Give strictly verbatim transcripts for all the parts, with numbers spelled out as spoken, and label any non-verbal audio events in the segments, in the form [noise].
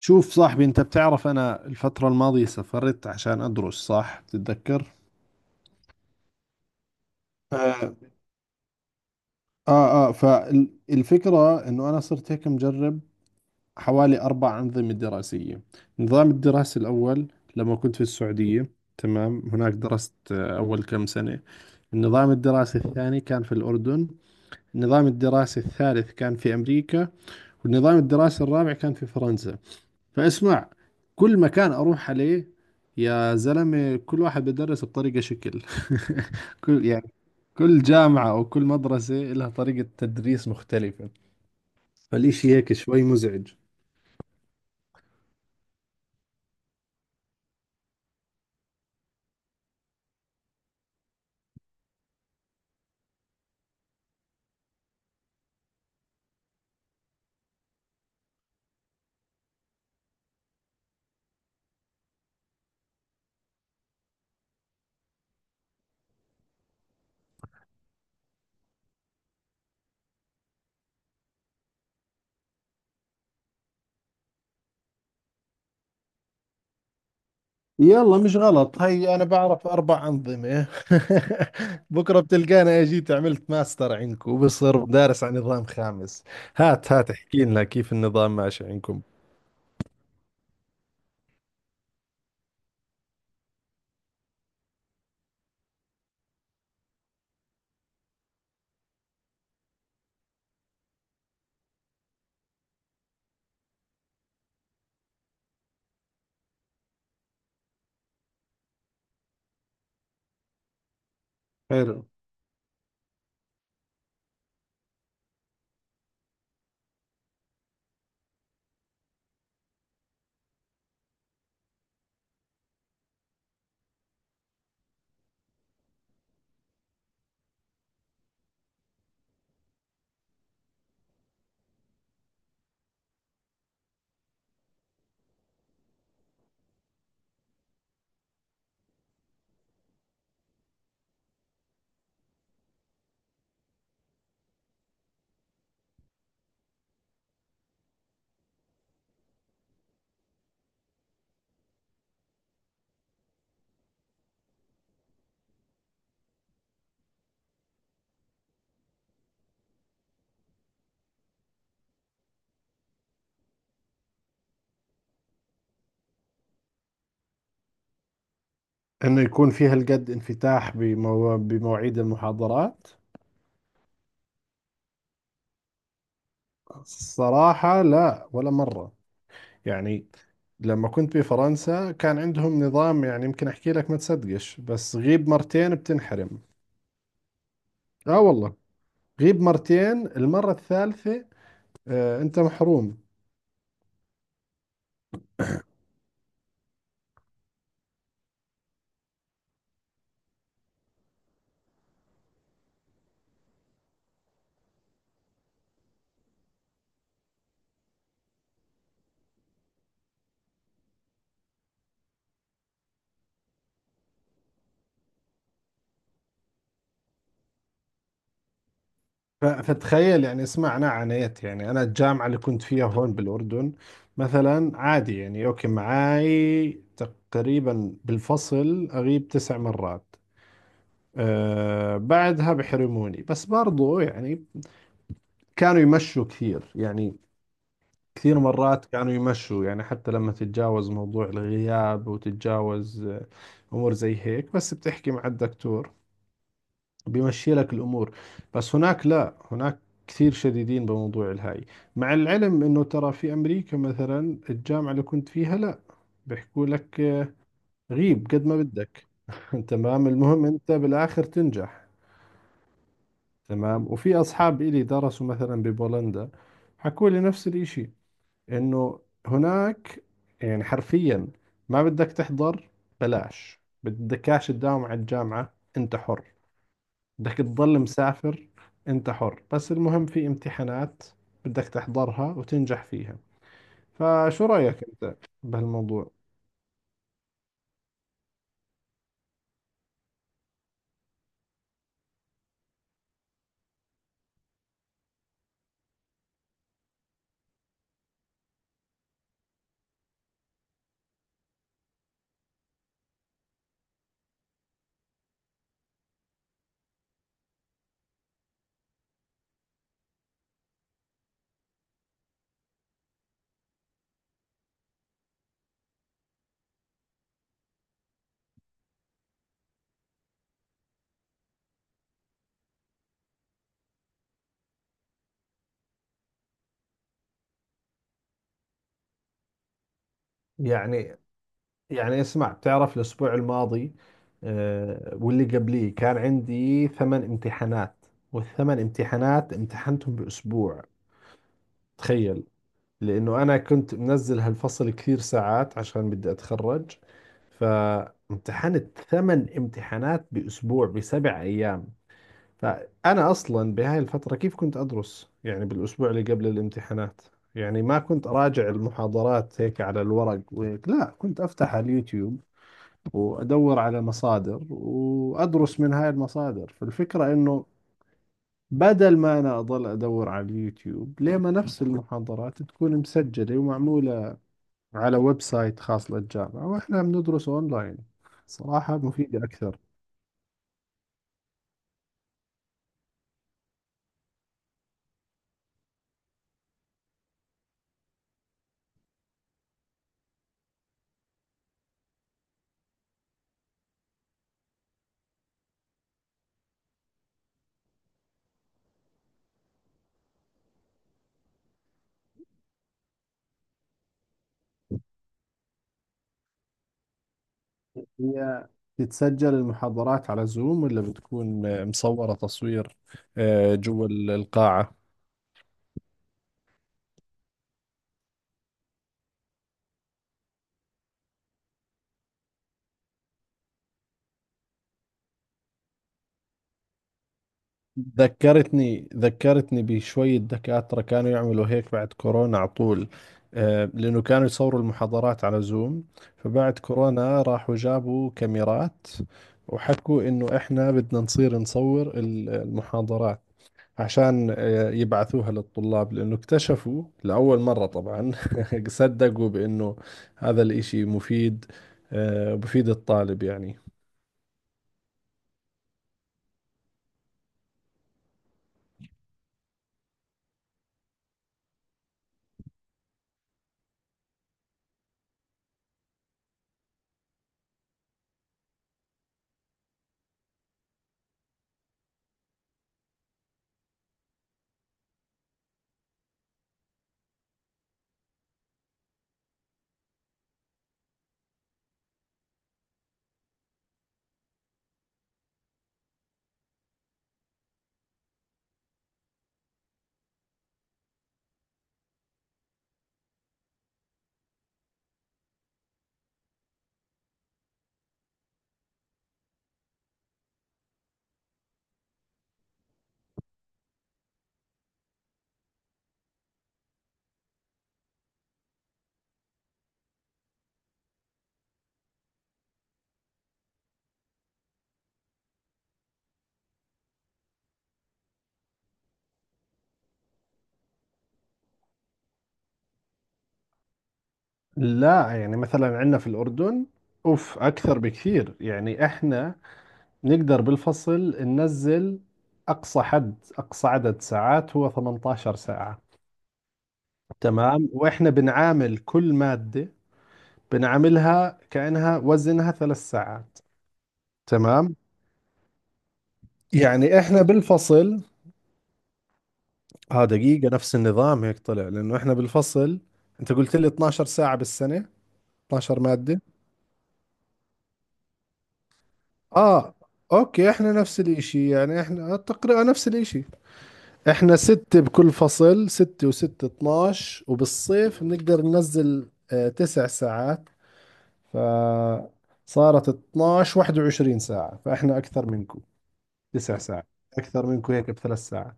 شوف صاحبي، انت بتعرف انا الفترة الماضية سافرت عشان ادرس، صح؟ تتذكر. اه اه آه فالفكرة انه انا صرت هيك مجرب حوالي اربع انظمة دراسية. النظام الدراسي الاول لما كنت في السعودية، تمام، هناك درست آه، اول كم سنة. النظام الدراسي الثاني كان في الاردن، النظام الدراسي الثالث كان في امريكا، والنظام الدراسي الرابع كان في فرنسا. فاسمع، كل مكان اروح عليه يا زلمة كل واحد بدرس بطريقة شكل. [laughs] كل يعني كل جامعة او كل مدرسة لها طريقة تدريس مختلفة. فالإشي هيك شوي مزعج. يلا، مش غلط، هي انا بعرف اربع انظمه. [laughs] بكره بتلقانا اجيت عملت ماستر عندكم وبصير دارس عن نظام خامس. هات هات احكي لنا كيف النظام ماشي عندكم. حلو انه يكون في هالقد انفتاح بمو... بمواعيد المحاضرات. الصراحة لا، ولا مرة يعني. لما كنت بفرنسا كان عندهم نظام، يعني يمكن أحكي لك ما تصدقش، بس غيب مرتين بتنحرم. آه والله، غيب مرتين، المرة الثالثة آه أنت محروم. ف- فتخيل يعني، اسمعنا، عانيت يعني. أنا الجامعة اللي كنت فيها هون بالأردن مثلا عادي يعني، أوكي معاي، تقريبا بالفصل أغيب تسع مرات، آه، بعدها بحرموني، بس برضو يعني كانوا يمشوا كثير يعني. كثير مرات كانوا يمشوا يعني، حتى لما تتجاوز موضوع الغياب وتتجاوز آه، أمور زي هيك، بس بتحكي مع الدكتور بيمشي لك الأمور. بس هناك لا، هناك كثير شديدين بموضوع الهاي. مع العلم إنه ترى في أمريكا مثلا الجامعة اللي كنت فيها لا، بيحكوا لك آه، غيب قد ما بدك. [laughs] تمام، المهم أنت بالآخر تنجح. تمام، وفي أصحاب إلي درسوا مثلا ببولندا، حكوا لي نفس الإشي، انه هناك يعني حرفيا ما بدك تحضر، بلاش بدكاش تداوم على الجامعة، انت حر، بدك تضل مسافر انت حر، بس المهم في امتحانات بدك تحضرها وتنجح فيها. فشو رأيك انت بهالموضوع؟ يعني يعني اسمع، بتعرف الاسبوع الماضي آه، واللي قبليه كان عندي ثمان امتحانات، والثمان امتحانات امتحنتهم باسبوع. تخيل، لأنه أنا كنت منزل هالفصل كثير ساعات عشان بدي أتخرج، فامتحنت ثمان امتحانات بأسبوع، بسبع أيام. فأنا أصلا بهاي الفترة كيف كنت أدرس يعني، بالأسبوع اللي قبل الامتحانات يعني ما كنت أراجع المحاضرات هيك على الورق وهيك، لا، كنت أفتح على اليوتيوب وأدور على مصادر وأدرس من هاي المصادر. فالفكرة إنه بدل ما أنا أضل أدور على اليوتيوب، ليه ما نفس المحاضرات تكون مسجلة ومعمولة على ويب سايت خاص للجامعة وإحنا بندرسه أونلاين، صراحة مفيدة أكثر. هي تتسجل المحاضرات على زوم، ولا بتكون آه، مصورة تصوير، آه، جوا ال- القاعة؟ ذكرتني ذكرتني بشوية دكاترة كانوا يعملوا هيك بعد كورونا على طول، آه، لأنه كانوا يصوروا المحاضرات على زوم، فبعد كورونا راحوا جابوا كاميرات وحكوا إنه إحنا بدنا نصير نصور ال- المحاضرات عشان آه، يبعثوها للطلاب، لأنه اكتشفوا لأول مرة طبعا [laughs] صدقوا بأنه هذا الإشي مفيد، آه، بفيد الطالب يعني. لا يعني، مثلا عندنا في الأردن أوف أكثر بكثير. يعني إحنا نقدر بالفصل ننزل أقصى حد، أقصى عدد ساعات هو ثمنتاشر ساعة، تمام، وإحنا بنعامل كل مادة بنعاملها كأنها وزنها ثلاث ساعات. تمام. يعني إحنا بالفصل، اه دقيقة، نفس النظام هيك طلع، لأنه إحنا بالفصل أنت قلت لي اثناشر ساعة بالسنة، اثناشر مادة؟ آه، أوكي، إحنا نفس الإشي يعني، إحنا تقريبا نفس الإشي. إحنا ستة بكل فصل، ستة وستة اثناشر، وبالصيف بنقدر ننزل آه تسع ساعات، فصارت اثنا عشر واحد وعشرين ساعة، فإحنا أكثر منكم تسع ساعات، أكثر منكم هيك بثلاث ساعات.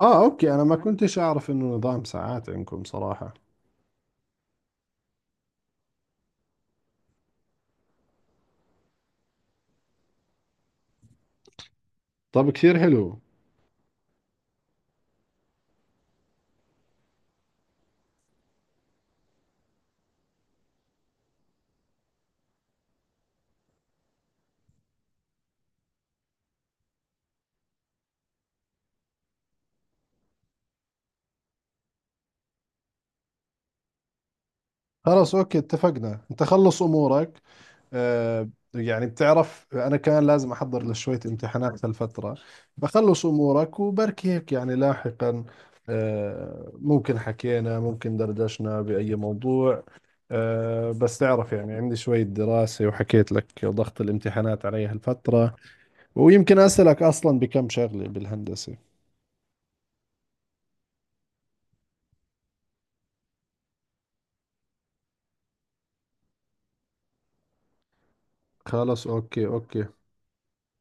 آه، أوكي، أنا ما كنتش أعرف إنه نظام ساعات عندكم صراحة. طب كثير حلو. خلاص اوكي، اتفقنا، انت خلص امورك، آه، يعني بتعرف انا كان لازم احضر لشوية امتحانات هالفترة، بخلص امورك وبركي هيك يعني لاحقا آه ممكن حكينا، ممكن دردشنا بأي موضوع، آه، بس تعرف يعني عندي شوية دراسة وحكيت لك ضغط الامتحانات علي هالفترة، ويمكن أسألك أصلا بكم شغلة بالهندسة. خلاص اوكي اوكي.